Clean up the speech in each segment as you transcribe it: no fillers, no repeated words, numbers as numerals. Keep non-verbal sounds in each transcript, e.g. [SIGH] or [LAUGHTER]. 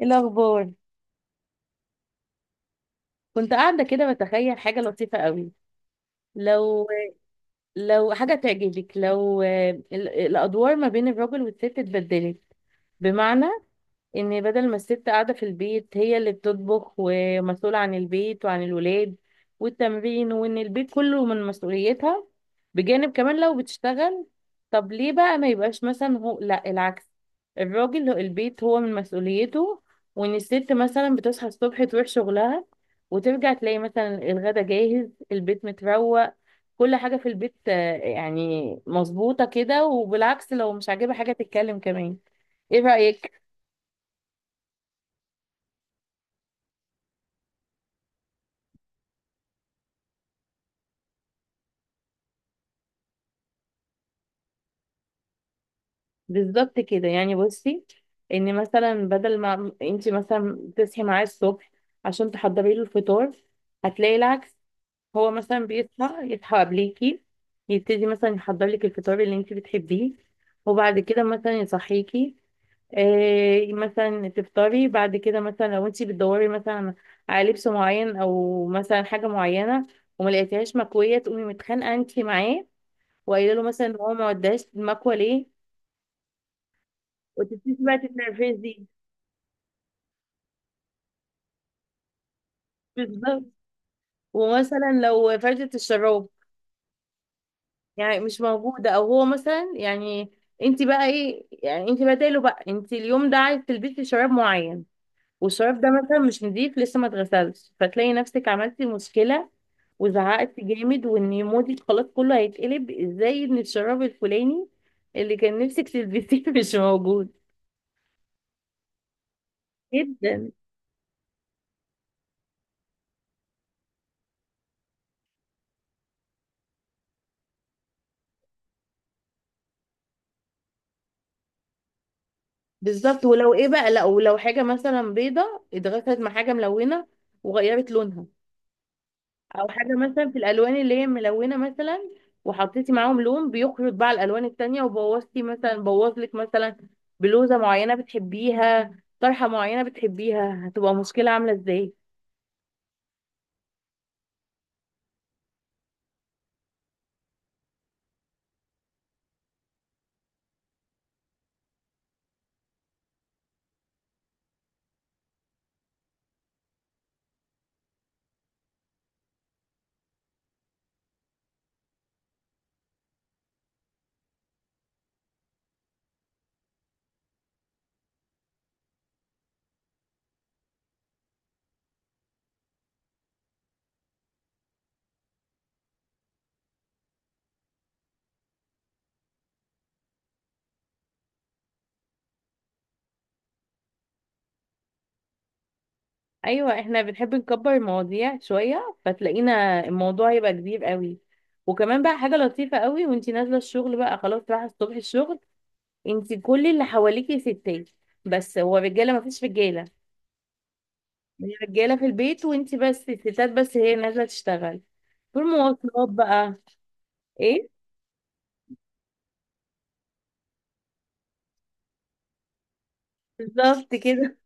ايه الاخبار؟ كنت قاعده كده بتخيل حاجه لطيفه قوي. لو لو حاجه تعجبك، لو الادوار ما بين الراجل والست اتبدلت. بمعنى ان بدل ما الست قاعده في البيت هي اللي بتطبخ ومسؤوله عن البيت وعن الولاد والتمرين، وان البيت كله من مسؤوليتها، بجانب كمان لو بتشتغل. طب ليه بقى ما يبقاش مثلا هو، لا العكس، الراجل البيت هو من مسؤوليته. وان الست مثلا بتصحى الصبح تروح شغلها، وترجع تلاقي مثلا الغدا جاهز، البيت متروق، كل حاجة في البيت يعني مظبوطة كده. وبالعكس، لو مش عاجبها حاجة تتكلم كمان. ايه رأيك؟ بالظبط كده. يعني بصي، ان مثلا بدل ما انت مثلا تصحي معاه الصبح عشان تحضري له الفطار، هتلاقي العكس. هو مثلا بيصحى يصحى قبليكي، يبتدي مثلا يحضر لك الفطار اللي انت بتحبيه، وبعد كده مثلا يصحيكي. إيه مثلا تفطري بعد كده، مثلا لو انت بتدوري مثلا على لبس معين او مثلا حاجه معينه وما لقيتيهاش مكويه، تقومي متخانقه انت معاه وقايله له مثلا ان هو ما وداش المكوه ليه. وتبتدي بقى تتنرفزي. بالظبط. ومثلا لو فرشة الشراب يعني مش موجودة، او هو مثلا يعني، انت بقى ايه يعني، انت بداله بقى. انت اليوم ده عايز تلبسي شراب معين، والشراب ده مثلا مش نضيف، لسه ما اتغسلش، فتلاقي نفسك عملتي مشكلة وزعقتي جامد، وان مودك خلاص كله هيتقلب، ازاي ان الشراب الفلاني اللي كان نفسك تلبسيه [LAUGHS] مش موجود. جدا. بالظبط. ولو ايه بقى، لا، ولو حاجة مثلا بيضة اتغسلت مع حاجة ملونة وغيرت لونها، او حاجه مثلا في الالوان اللي هي ملونه مثلا، وحطيتي معاهم لون بيخرج بقى على الالوان التانية، وبوظتي مثلا، بوظلك مثلا بلوزه معينه بتحبيها، طرحه معينه بتحبيها، هتبقى مشكله عامله ازاي؟ ايوه، احنا بنحب نكبر المواضيع شويه، فتلاقينا الموضوع هيبقى كبير قوي. وكمان بقى حاجه لطيفه قوي، وانتي نازله الشغل بقى، خلاص رايحه الصبح الشغل، انتي كل اللي حواليكي ستات، بس هو رجاله، مفيش رجاله. الرجاله في البيت، وانتي بس الستات، بس هي نازله تشتغل في المواصلات بقى. ايه؟ بالظبط كده.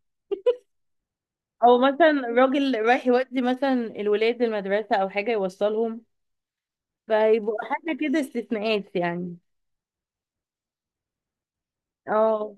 او مثلا راجل رايح يودي مثلا الولاد المدرسه، او حاجه يوصلهم، فيبقوا حاجه كده استثناءات يعني. اه.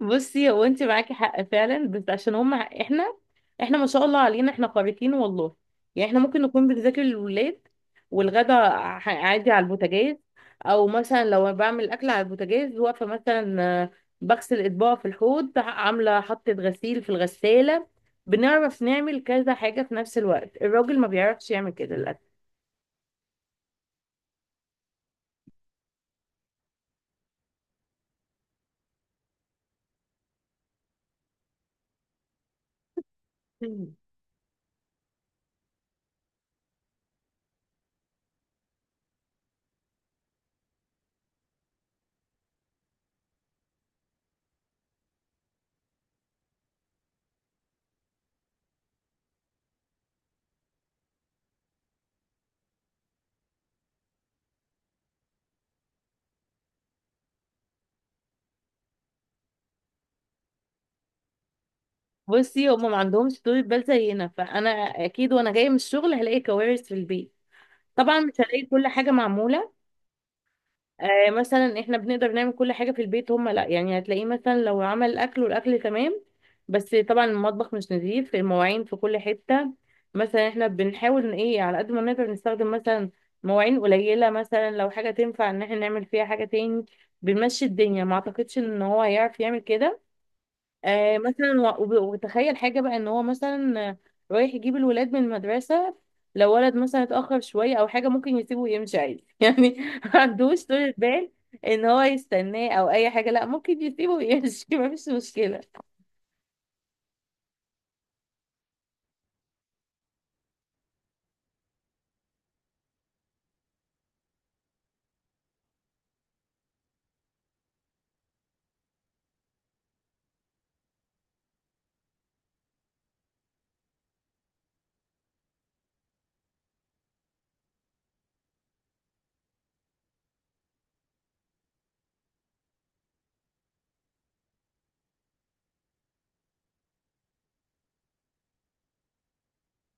بصي، هو انت معاكي حق فعلا، بس عشان هم احنا ما شاء الله علينا، احنا خارقين والله. يعني احنا ممكن نكون بنذاكر للولاد، والغدا عادي على البوتاجاز. او مثلا لو بعمل اكل على البوتاجاز، واقفه مثلا، آه، بغسل اطباق في الحوض، عامله حطة غسيل في الغسالة، بنعرف نعمل كذا حاجة في نفس الوقت. الراجل ما بيعرفش يعمل كده للأسف. مم. بصي، هم ما عندهمش طول بال زينا، فانا اكيد وانا جايه من الشغل هلاقي كوارث في البيت. طبعا مش هلاقي كل حاجة معمولة. مثلا احنا بنقدر نعمل كل حاجة في البيت، هما لا. يعني هتلاقيه مثلا لو عمل الأكل والأكل تمام، بس طبعا المطبخ مش نظيف، المواعين في كل حتة. مثلا احنا بنحاول ان ايه، على قد ما نقدر نستخدم مثلا مواعين قليلة، مثلا لو حاجة تنفع ان احنا نعمل فيها حاجة تاني، بنمشي الدنيا. ما اعتقدش ان هو هيعرف يعمل كده. مثلا وتخيل حاجة بقى، ان هو مثلا رايح يجيب الولاد من المدرسة، لو ولد مثلا اتأخر شوية او حاجة ممكن يسيبه ويمشي عادي [LAUGHS] يعني. ما عندوش طولة بال ان هو يستناه او اي حاجة، لا، ممكن يسيبه ويمشي [LAUGHS] ما فيش مشكلة.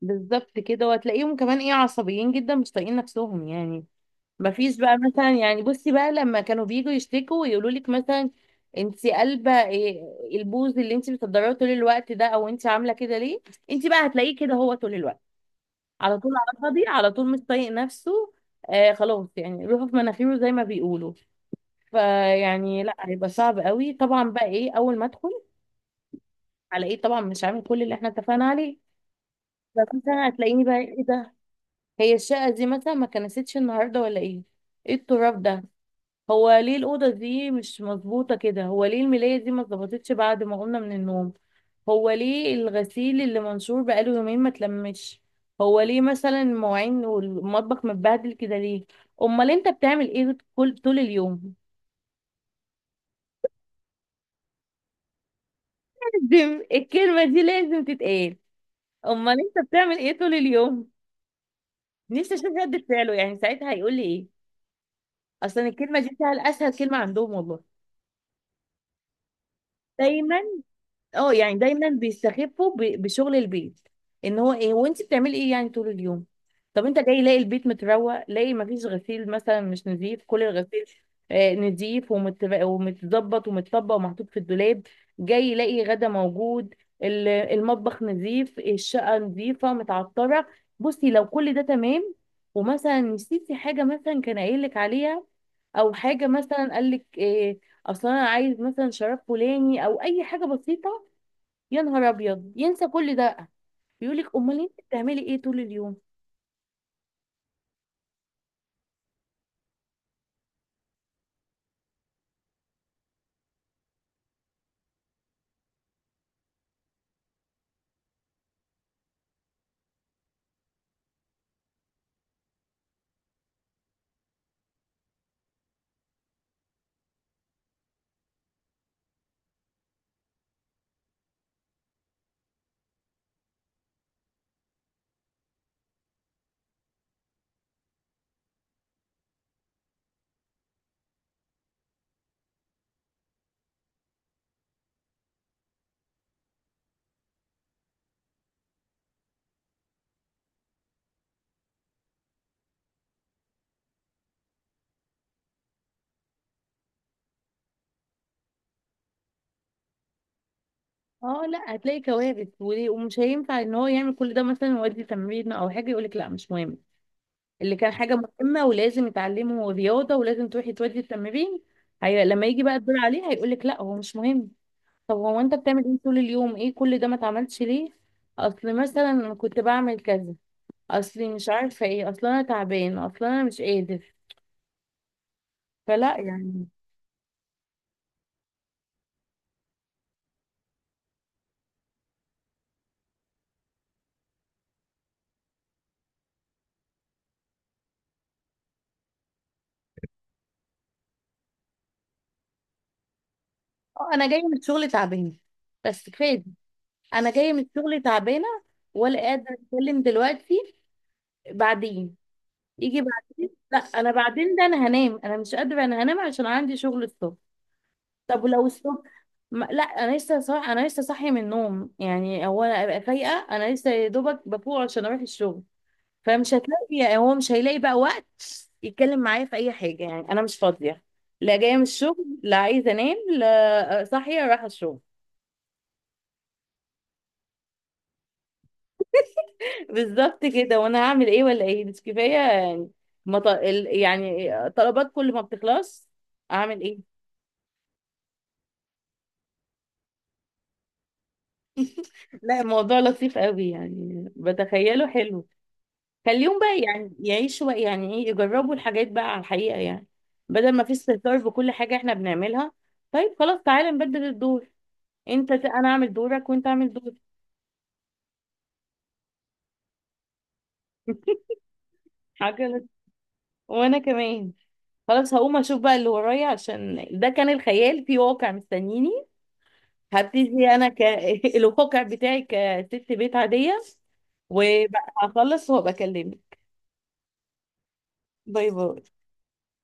بالظبط كده. وهتلاقيهم كمان ايه، عصبيين جدا، مش طايقين نفسهم يعني. مفيش بقى مثلا، يعني بصي بقى، لما كانوا بييجوا يشتكوا ويقولوا لك مثلا انت قلبه إيه، البوز اللي انت بتقدريه طول الوقت ده، او انت عامله كده ليه، انت بقى هتلاقيه كده هو طول الوقت، على طول على فاضي، على طول مش طايق نفسه. خلاص، يعني روحه في مناخيره زي ما بيقولوا. فيعني لا، هيبقى صعب قوي طبعا. بقى ايه اول ما ادخل على ايه؟ طبعا مش عامل كل اللي احنا اتفقنا عليه. فمثلا هتلاقيني بقى ايه ده، هي الشقه دي مثلا ما كنستش النهارده ولا ايه؟ ايه التراب ده؟ هو ليه الأوضة دي مش مظبوطة كده؟ هو ليه الملاية دي ما اتظبطتش بعد ما قمنا من النوم؟ هو ليه الغسيل اللي منشور بقاله يومين ما اتلمش؟ هو ليه مثلا المواعين والمطبخ متبهدل كده ليه؟ امال انت بتعمل ايه كل طول اليوم؟ لازم [LAUGHS] الكلمة دي لازم تتقال. امال انت بتعمل ايه طول اليوم؟ نفسي اشوف رد فعله، يعني ساعتها هيقول لي ايه؟ اصلا الكلمة دي اسهل كلمة عندهم والله. دايما. اه يعني دايما بيستخفوا بشغل البيت، ان هو ايه وانت بتعملي ايه يعني طول اليوم؟ طب انت جاي لاقي البيت متروق، لاقي مفيش غسيل مثلا مش نظيف، كل الغسيل نظيف ومتظبط ومتطبق ومحطوط في الدولاب، جاي لاقي غدا موجود، المطبخ نظيف، الشقة نظيفة متعطرة. بصي لو كل ده تمام، ومثلا نسيتي حاجة مثلا كان قايل لك عليها، او حاجة مثلا قال لك إيه، اصلا انا عايز مثلا شراب فلاني، او اي حاجة بسيطة، يا نهار ابيض ينسى كل ده، بيقول لك امال انت بتعملي ايه طول اليوم؟ اه، لا هتلاقي كوارث، ومش هينفع ان هو يعمل كل ده، مثلا يودي تمرين او حاجه يقول لك لا مش مهم، اللي كان حاجه مهمه ولازم يتعلمه، رياضه ولازم تروحي تودي التمرين. هي لما يجي بقى الدور عليه هيقول لك لا هو مش مهم. طب هو انت بتعمل ايه طول اليوم؟ ايه كل ده ما اتعملش ليه؟ اصل مثلا أنا كنت بعمل كذا، اصلي مش عارفه ايه، اصل انا تعبان، اصل انا مش قادر، فلا يعني. اه انا جايه من الشغل تعبانه، بس كفايه. انا جايه من الشغل تعبانه، ولا قادره اتكلم دلوقتي. بعدين يجي بعدين، لا انا بعدين ده انا هنام، انا مش قادره، انا هنام عشان عندي شغل الصبح. طب ولو الصبح، ما... لا انا انا لسه صاحيه من النوم، يعني هو انا ابقى فايقه، انا لسه يا دوبك بفوق عشان اروح الشغل. فمش هتلاقي يعني، هو مش هيلاقي بقى وقت يتكلم معايا في اي حاجه، يعني انا مش فاضيه، لا جايه من الشغل، لا عايزه انام، لا صاحيه رايحه الشغل. بالظبط كده. وانا هعمل ايه ولا ايه؟ مش كفايه يعني؟ ما ط- ال- يعني طلبات كل ما بتخلص اعمل ايه؟ لا الموضوع لطيف قوي، يعني بتخيله حلو. خليهم بقى يعني يعيشوا بقى، يعني ايه، يجربوا الحاجات بقى على الحقيقه يعني، بدل ما في استهتار بكل حاجه احنا بنعملها. طيب خلاص، تعالى نبدل الدور، انت انا اعمل دورك وانت اعمل دورك. حاجه لط- وانا كمان خلاص هقوم اشوف بقى اللي ورايا، عشان ده كان الخيال في واقع مستنيني. هبتدي انا [LAUGHS] الواقع بتاعي كست بيت عاديه، وبقى هخلص وهبقى اكلمك. باي باي.